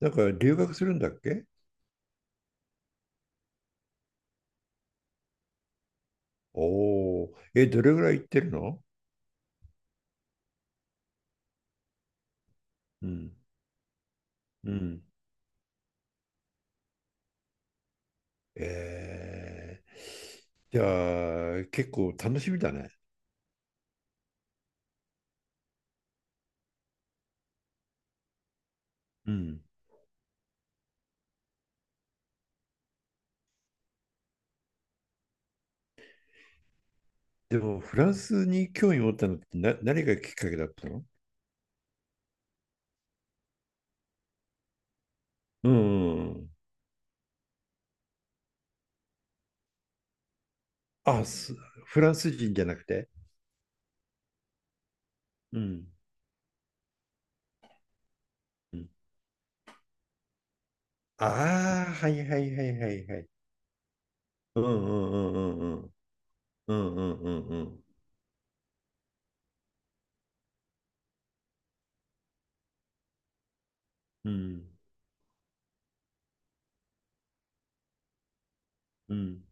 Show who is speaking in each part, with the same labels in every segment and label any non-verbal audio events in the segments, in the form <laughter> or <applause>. Speaker 1: なんか留学するんだっけ。おおー、え、どれぐらい行ってるの？うん、うん。えー、じゃあ、結構楽しみだね。うん。でも、フランスに興味持ったのって何がきっかけだったの？うん、うん。あ、す、フランス人じゃなくて。うん。うん。ああ、はいはいはいはいはい。うんうんうんうんうんうんうんうんうんうんうん。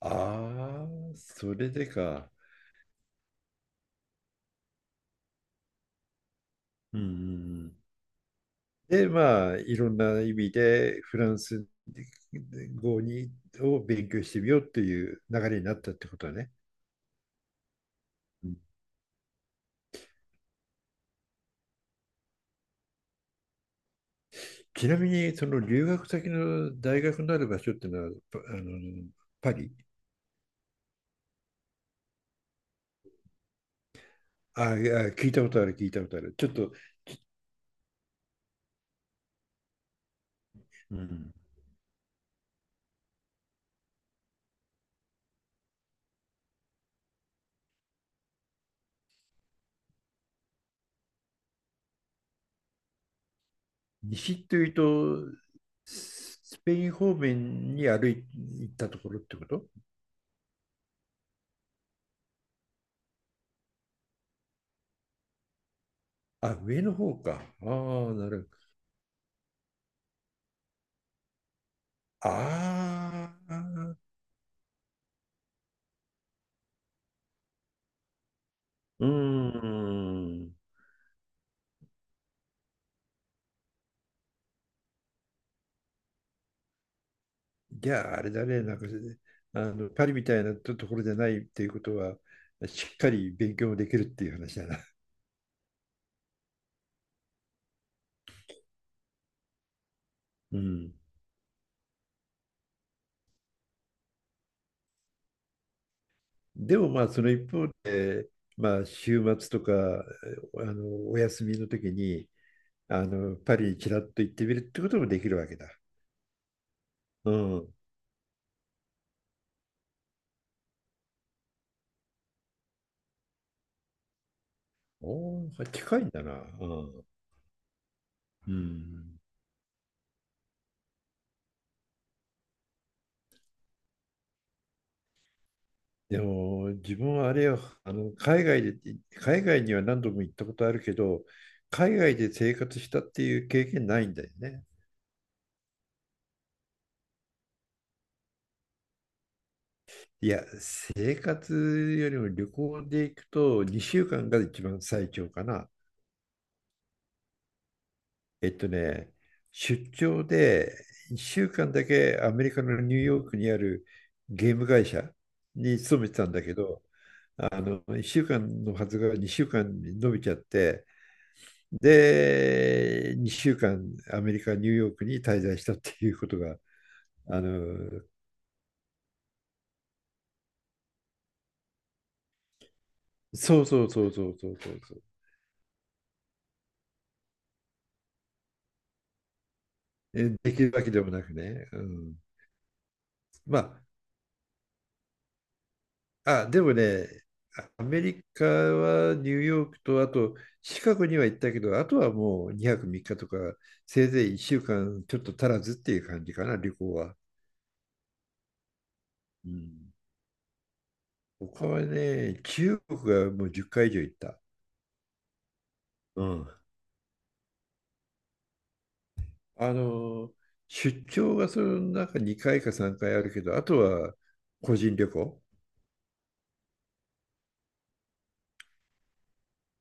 Speaker 1: ああ、それでか。うんうんうん。で、まあ、いろんな意味でフランス語にを勉強してみようっていう流れになったってことはね。うん。ちなみに、その留学先の大学のある場所っていうのは、あの、パリ？ああ、聞いたことある、聞いたことある。ちょっと、き、うん。西というと、スペイン方面に行ったところってこと？あ、上の方か。ああ、なるほど。ああ、うーん。じゃあ、あれだね、なんか、あの、パリみたいなところじゃないっていうことは、しっかり勉強もできるっていう話だな。うん。でもまあ、その一方で、まあ、週末とか、あの、お休みの時に、あの、パリにちらっと行ってみるってこともできるわけだ。うん。おー、近いんだな。うん。うん。でも、自分はあれよ、海外には何度も行ったことあるけど、海外で生活したっていう経験ないんだよね。いや、生活よりも旅行で行くと2週間が一番最長かな。えっとね、出張で1週間だけアメリカのニューヨークにあるゲーム会社に勤めてたんだけど、あの1週間のはずが2週間に伸びちゃって、で、2週間アメリカ、ニューヨークに滞在したっていうことが、あの、そうそうそうそうそうそうそう、できるわけでもなくね。うん。まあ、あ、でもね、アメリカはニューヨークと、あとシカゴには行ったけど、あとはもう2泊3日とか、せいぜい1週間ちょっと足らずっていう感じかな、旅行は。うん。他はね、中国がもう10回以上行った。うん。あの、出張がその中2回か3回あるけど、あとは個人旅行。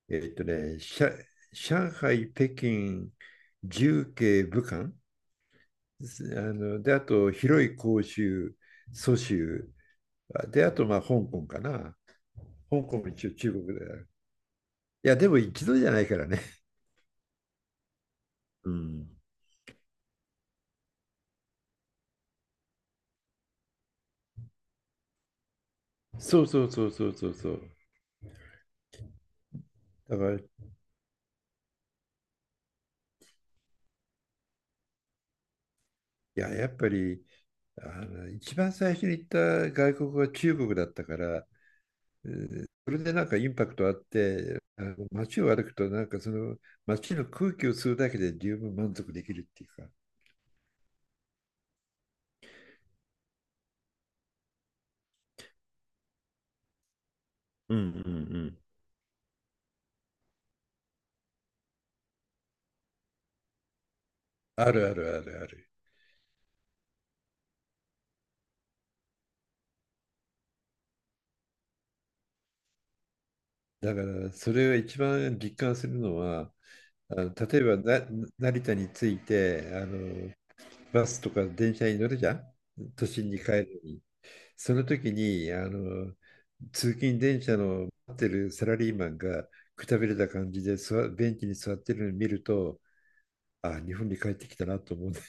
Speaker 1: えっとね、上海、北京、重慶、武漢。あの、で、あと、広州、蘇州、で、あと、まあ、香港かな。香港も一応中国である。いや、でも一度じゃないからね。うん。そうそうそうそうそうそう。だから、いや、やっぱり、あの、一番最初に行った外国は中国だったから、それでなんかインパクトあって、あの街を歩くと、なんかその街の空気を吸うだけで十分満足できるっていうか。うんうんうん。あるあるあるある。だからそれを一番実感するのは、あの、例えば、成田に着いて、あのバスとか電車に乗るじゃん、都心に帰るのに。その時に、あの通勤電車の待ってるサラリーマンが、くたびれた感じでベンチに座ってるのを見ると、あ、日本に帰ってきたなと思うね。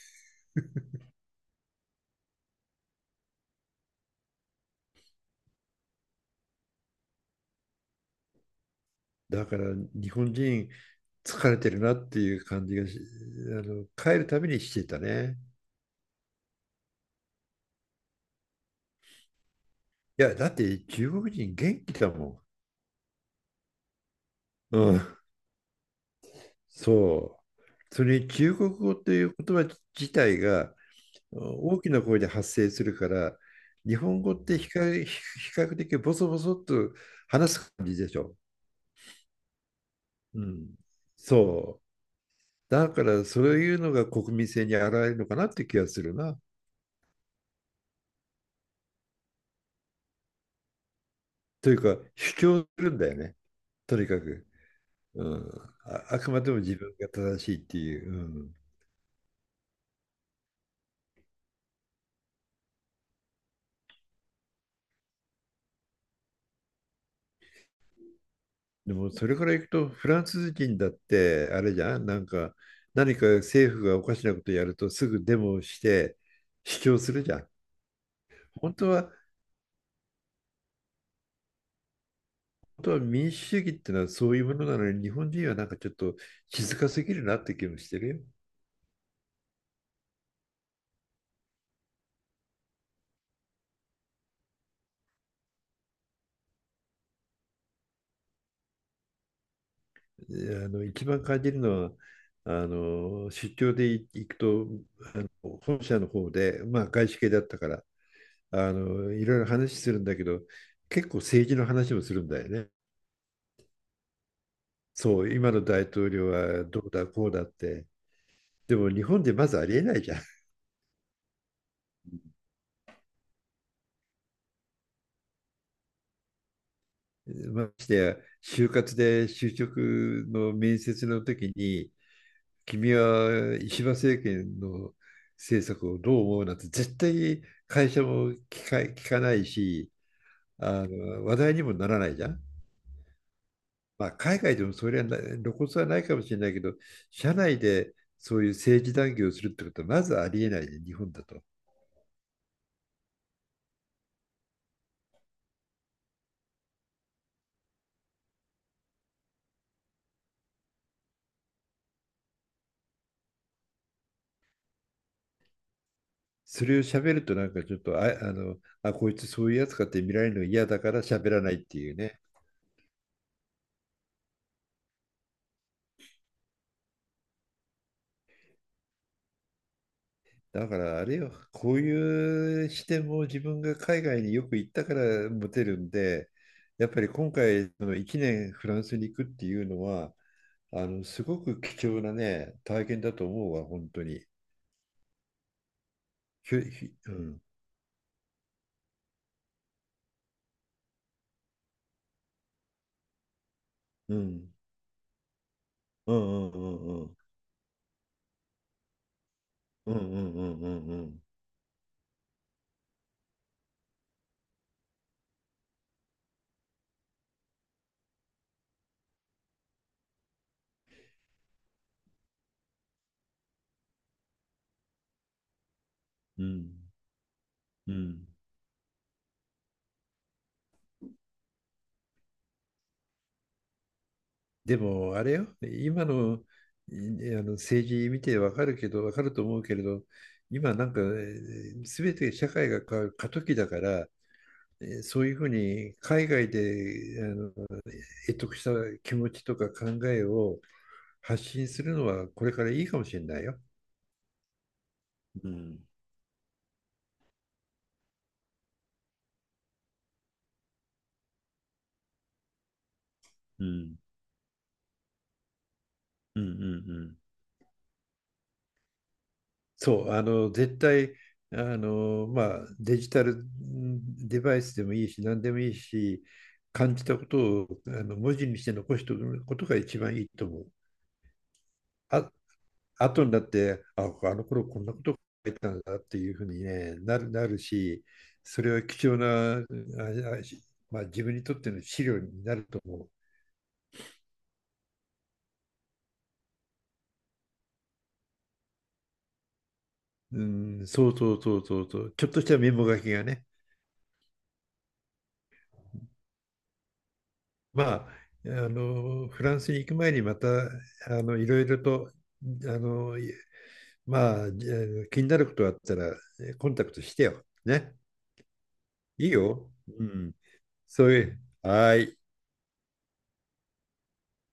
Speaker 1: <laughs> だから日本人疲れてるなっていう感じがし、あの、帰るたびにしてたね。いやだって中国人元気だもん。うん。そう。それに中国語という言葉自体が大きな声で発生するから、日本語って比較、比較的ボソボソっと話す感じでしょ。うん。そう。だからそういうのが国民性に現れるのかなって気がするな。というか主張するんだよね。とにかく。うん。あ、あくまでも自分が正しいっていう。うん。でもそれからいくとフランス人だってあれじゃん、なんか、何か政府がおかしなことやるとすぐデモをして主張するじゃん。本当は、本当は民主主義ってのはそういうものなのに、日本人はなんかちょっと静かすぎるなって気もしてるよ。で、あの一番感じるのは、あの出張で行くと、本社の方で、まあ、外資系だったから、あのいろいろ話するんだけど、結構政治の話もするんだよね。そう、今の大統領はどうだこうだって。でも日本でまずありえないじゃん。<laughs> ましてや、就活で就職の面接の時に、君は石破政権の政策をどう思うなんて絶対会社も聞か、聞かないし、あの話題にもならないじゃん。まあ、海外でもそれはな露骨はないかもしれないけど、社内でそういう政治談義をするってことはまずありえないね、日本だと。それを喋るとなんかちょっと、こいつそういうやつかって見られるの嫌だから喋らないっていうね。だからあれよ、こういう視点も自分が海外によく行ったから持てるんで、やっぱり今回の1年フランスに行くっていうのは、あの、すごく貴重なね、体験だと思うわ、本当に。ひ、うん、うん、うん、うん、うん、うん、うん、うん、うん、うん、うん。でも、あれよ、今の、いあの政治見てわかると思うけれど、今なんか、すべて社会が変わる過渡期だから、えー、そういうふうに海外で、あの、得した気持ちとか考えを発信するのはこれからいいかもしれないよ。うん、うん、うん、うん、うん。そう、あの、絶対、あの、まあ、デジタルデバイスでもいいし、何でもいいし、感じたことを、あの、文字にして残しておくことが一番いいと思う。あ、後になって、あ、あの頃こんなこと書いてたんだっていうふうに、ね、なるし、それは貴重な、あ、あしまあ、自分にとっての資料になると思う。うん、そうそうそうそうそう、ちょっとしたメモ書きがね。まあ、あのフランスに行く前にまた、あのいろいろと、あの、まあ、じゃあ気になることがあったらコンタクトしてよ。ね。いいよ。うん。そういう。はい。